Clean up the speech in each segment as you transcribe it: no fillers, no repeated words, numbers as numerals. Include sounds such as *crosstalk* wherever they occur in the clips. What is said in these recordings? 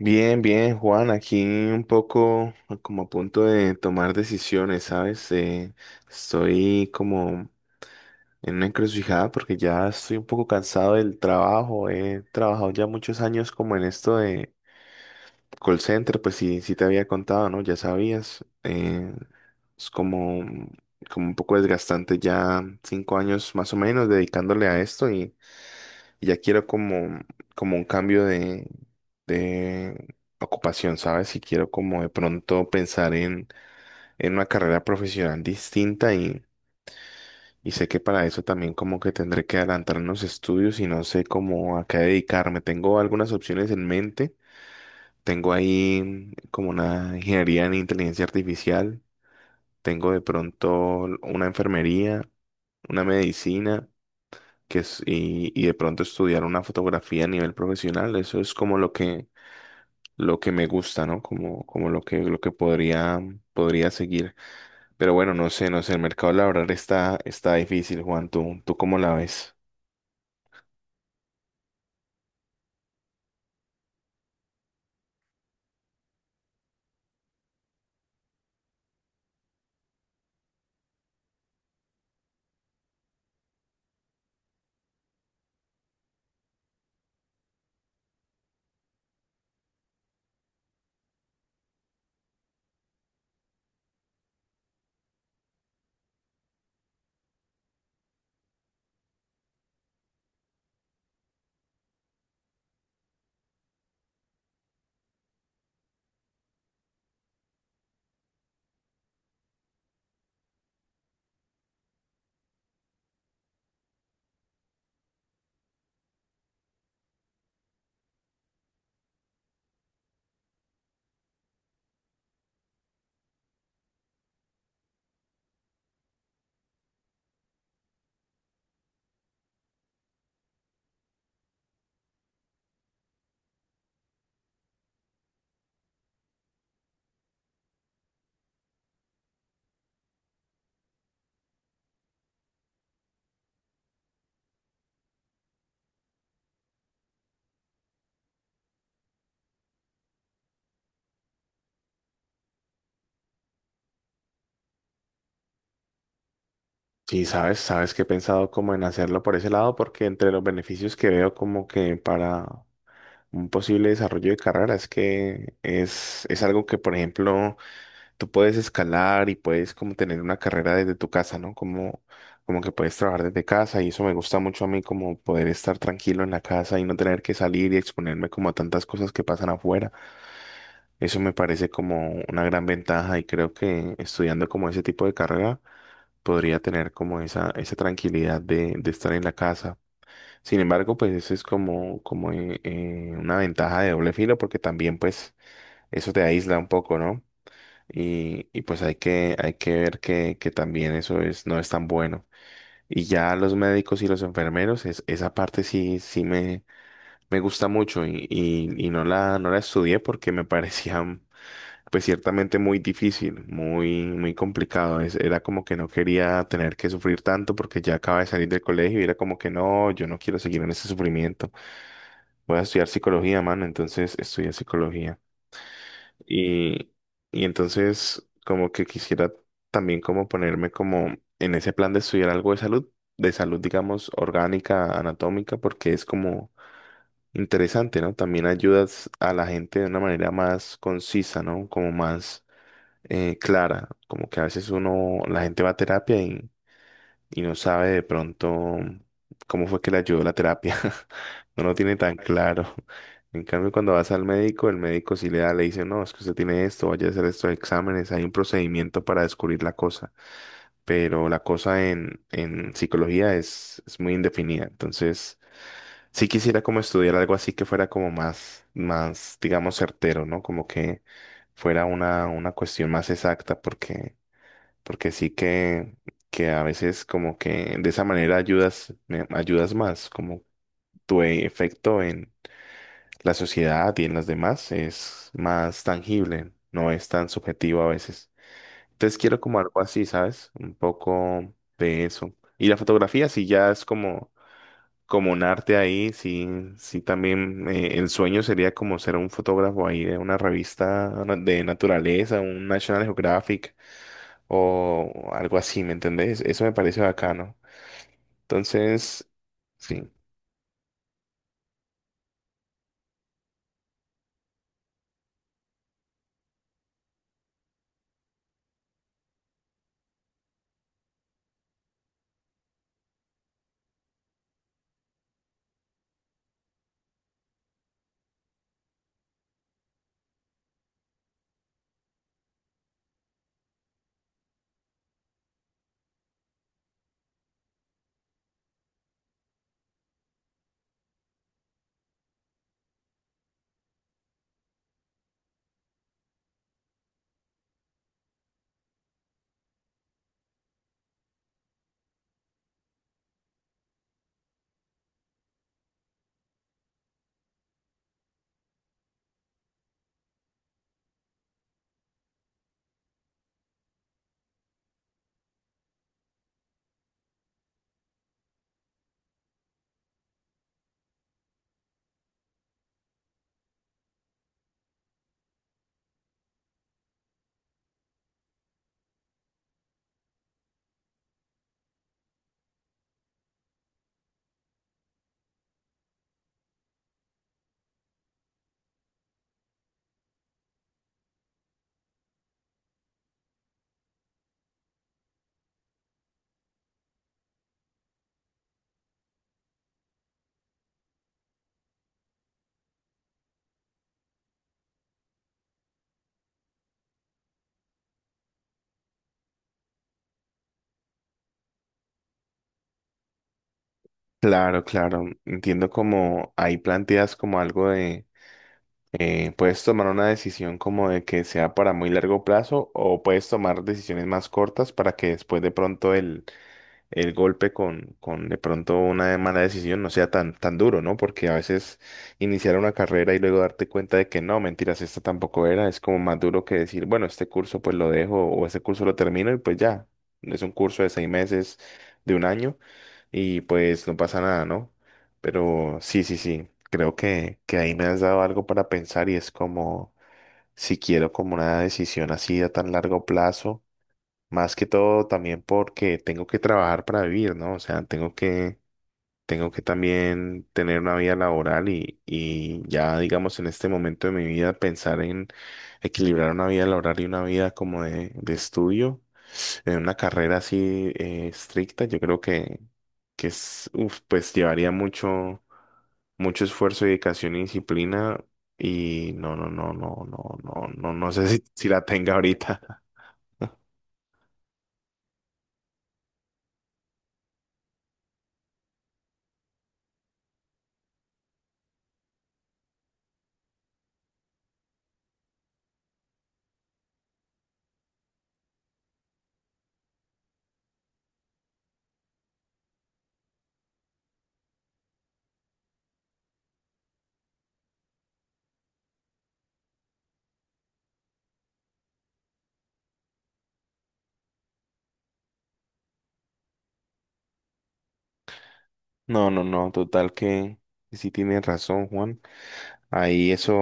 Bien, bien, Juan, aquí un poco como a punto de tomar decisiones, ¿sabes? Estoy como en una encrucijada porque ya estoy un poco cansado del trabajo. He trabajado ya muchos años como en esto de call center, pues sí, sí te había contado, ¿no? Ya sabías. Es como, como un poco desgastante ya 5 años más o menos dedicándole a esto y ya quiero como, como un cambio de ocupación, ¿sabes? Y quiero como de pronto pensar en una carrera profesional distinta y sé que para eso también como que tendré que adelantar unos estudios y no sé cómo a qué dedicarme. Tengo algunas opciones en mente. Tengo ahí como una ingeniería en inteligencia artificial. Tengo de pronto una enfermería, una medicina. Y de pronto estudiar una fotografía a nivel profesional, eso es como lo que me gusta, ¿no? Como lo que podría seguir. Pero bueno, no sé, no sé, el mercado laboral está difícil, Juan, tú cómo la ves? Sí, sabes, sabes que he pensado como en hacerlo por ese lado, porque entre los beneficios que veo como que para un posible desarrollo de carrera es que es algo que, por ejemplo, tú puedes escalar y puedes como tener una carrera desde tu casa, ¿no? Como, como que puedes trabajar desde casa y eso me gusta mucho a mí, como poder estar tranquilo en la casa y no tener que salir y exponerme como a tantas cosas que pasan afuera. Eso me parece como una gran ventaja y creo que estudiando como ese tipo de carrera podría tener como esa tranquilidad de estar en la casa. Sin embargo, pues eso es como, como una ventaja de doble filo porque también pues eso te aísla un poco, ¿no? Y pues hay que ver que también eso es, no es tan bueno. Y ya los médicos y los enfermeros, es, esa parte sí, sí me gusta mucho y no no la estudié porque me *laughs* parecía pues ciertamente muy difícil, muy, muy complicado. Era como que no quería tener que sufrir tanto porque ya acaba de salir del colegio y era como que no, yo no quiero seguir en ese sufrimiento. Voy a estudiar psicología, mano, entonces estudié psicología. Y, y entonces como que quisiera también como ponerme como en ese plan de estudiar algo de salud digamos orgánica, anatómica, porque es como interesante, ¿no? También ayudas a la gente de una manera más concisa, ¿no? Como más clara, como que a veces uno, la gente va a terapia y no sabe de pronto cómo fue que le ayudó la terapia. *laughs* No lo tiene tan claro. En cambio, cuando vas al médico, el médico sí le da, le dice, no, es que usted tiene esto, vaya a hacer estos exámenes, hay un procedimiento para descubrir la cosa. Pero la cosa en psicología es muy indefinida. Entonces, sí quisiera como estudiar algo así que fuera como más, más, digamos, certero, ¿no? Como que fuera una cuestión más exacta, porque porque sí que a veces como que de esa manera ayudas, ayudas más, como efecto en la sociedad y en las demás es más tangible, no es tan subjetivo a veces. Entonces quiero como algo así, ¿sabes? Un poco de eso. Y la fotografía sí ya es como, como un arte ahí, sí, sí también el sueño sería como ser un fotógrafo ahí de una revista de naturaleza, un National Geographic o algo así, ¿me entendés? Eso me parece bacano. Entonces, sí, claro, claro, entiendo como ahí planteas como algo de, puedes tomar una decisión como de que sea para muy largo plazo o puedes tomar decisiones más cortas para que después de pronto el golpe con de pronto una mala decisión no sea tan, tan duro, ¿no? Porque a veces iniciar una carrera y luego darte cuenta de que no, mentiras, esta tampoco era, es como más duro que decir, bueno, este curso pues lo dejo o este curso lo termino y pues ya, es un curso de 6 meses, de un año y pues no pasa nada, ¿no? Pero sí, sí, sí, creo que ahí me has dado algo para pensar y es como si quiero como una decisión así a tan largo plazo más que todo también porque tengo que trabajar para vivir, ¿no? O sea, tengo que también tener una vida laboral y ya, digamos, en este momento de mi vida pensar en equilibrar una vida laboral y una vida como de estudio, en una carrera así estricta, yo creo que es, uf, pues llevaría mucho, mucho esfuerzo, dedicación y disciplina y no, no, no, no, no, no, no, no sé *laughs* si, si la tenga ahorita. *laughs* No, no, no, total que sí tienes razón, Juan. Ahí eso,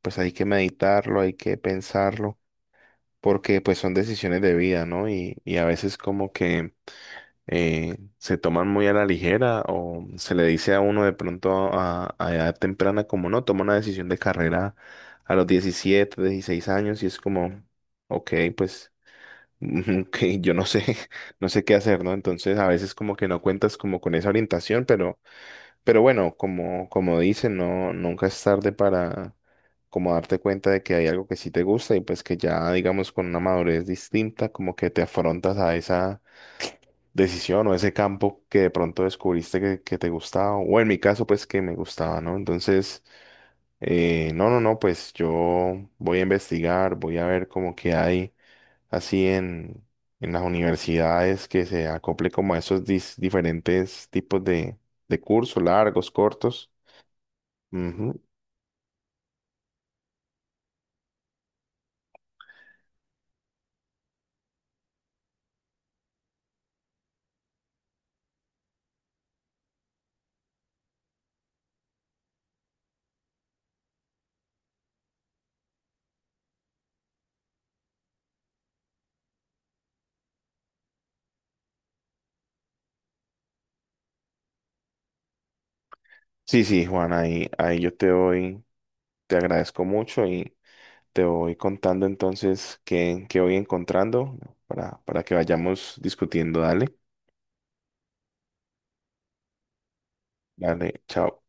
pues hay que meditarlo, hay que pensarlo, porque pues son decisiones de vida, ¿no? Y a veces como que se toman muy a la ligera o se le dice a uno de pronto a edad temprana como no, toma una decisión de carrera a los 17, 16 años y es como, ok, pues *laughs* que yo no sé, *laughs* no sé qué hacer, ¿no? Entonces a veces como que no cuentas como con esa orientación, pero... Pero bueno, como, como dicen, no, nunca es tarde para como darte cuenta de que hay algo que sí te gusta y pues que ya digamos con una madurez distinta como que te afrontas a esa decisión o ese campo que de pronto descubriste que te gustaba o en mi caso pues que me gustaba, ¿no? Entonces, no, no, no, pues yo voy a investigar, voy a ver como que hay así en las universidades que se acople como a esos diferentes tipos de cursos, largos, cortos. Ujú. Sí, sí, Juan, ahí, ahí yo te doy, te agradezco mucho y te voy contando entonces qué, qué voy encontrando para que vayamos discutiendo. Dale, dale, chao.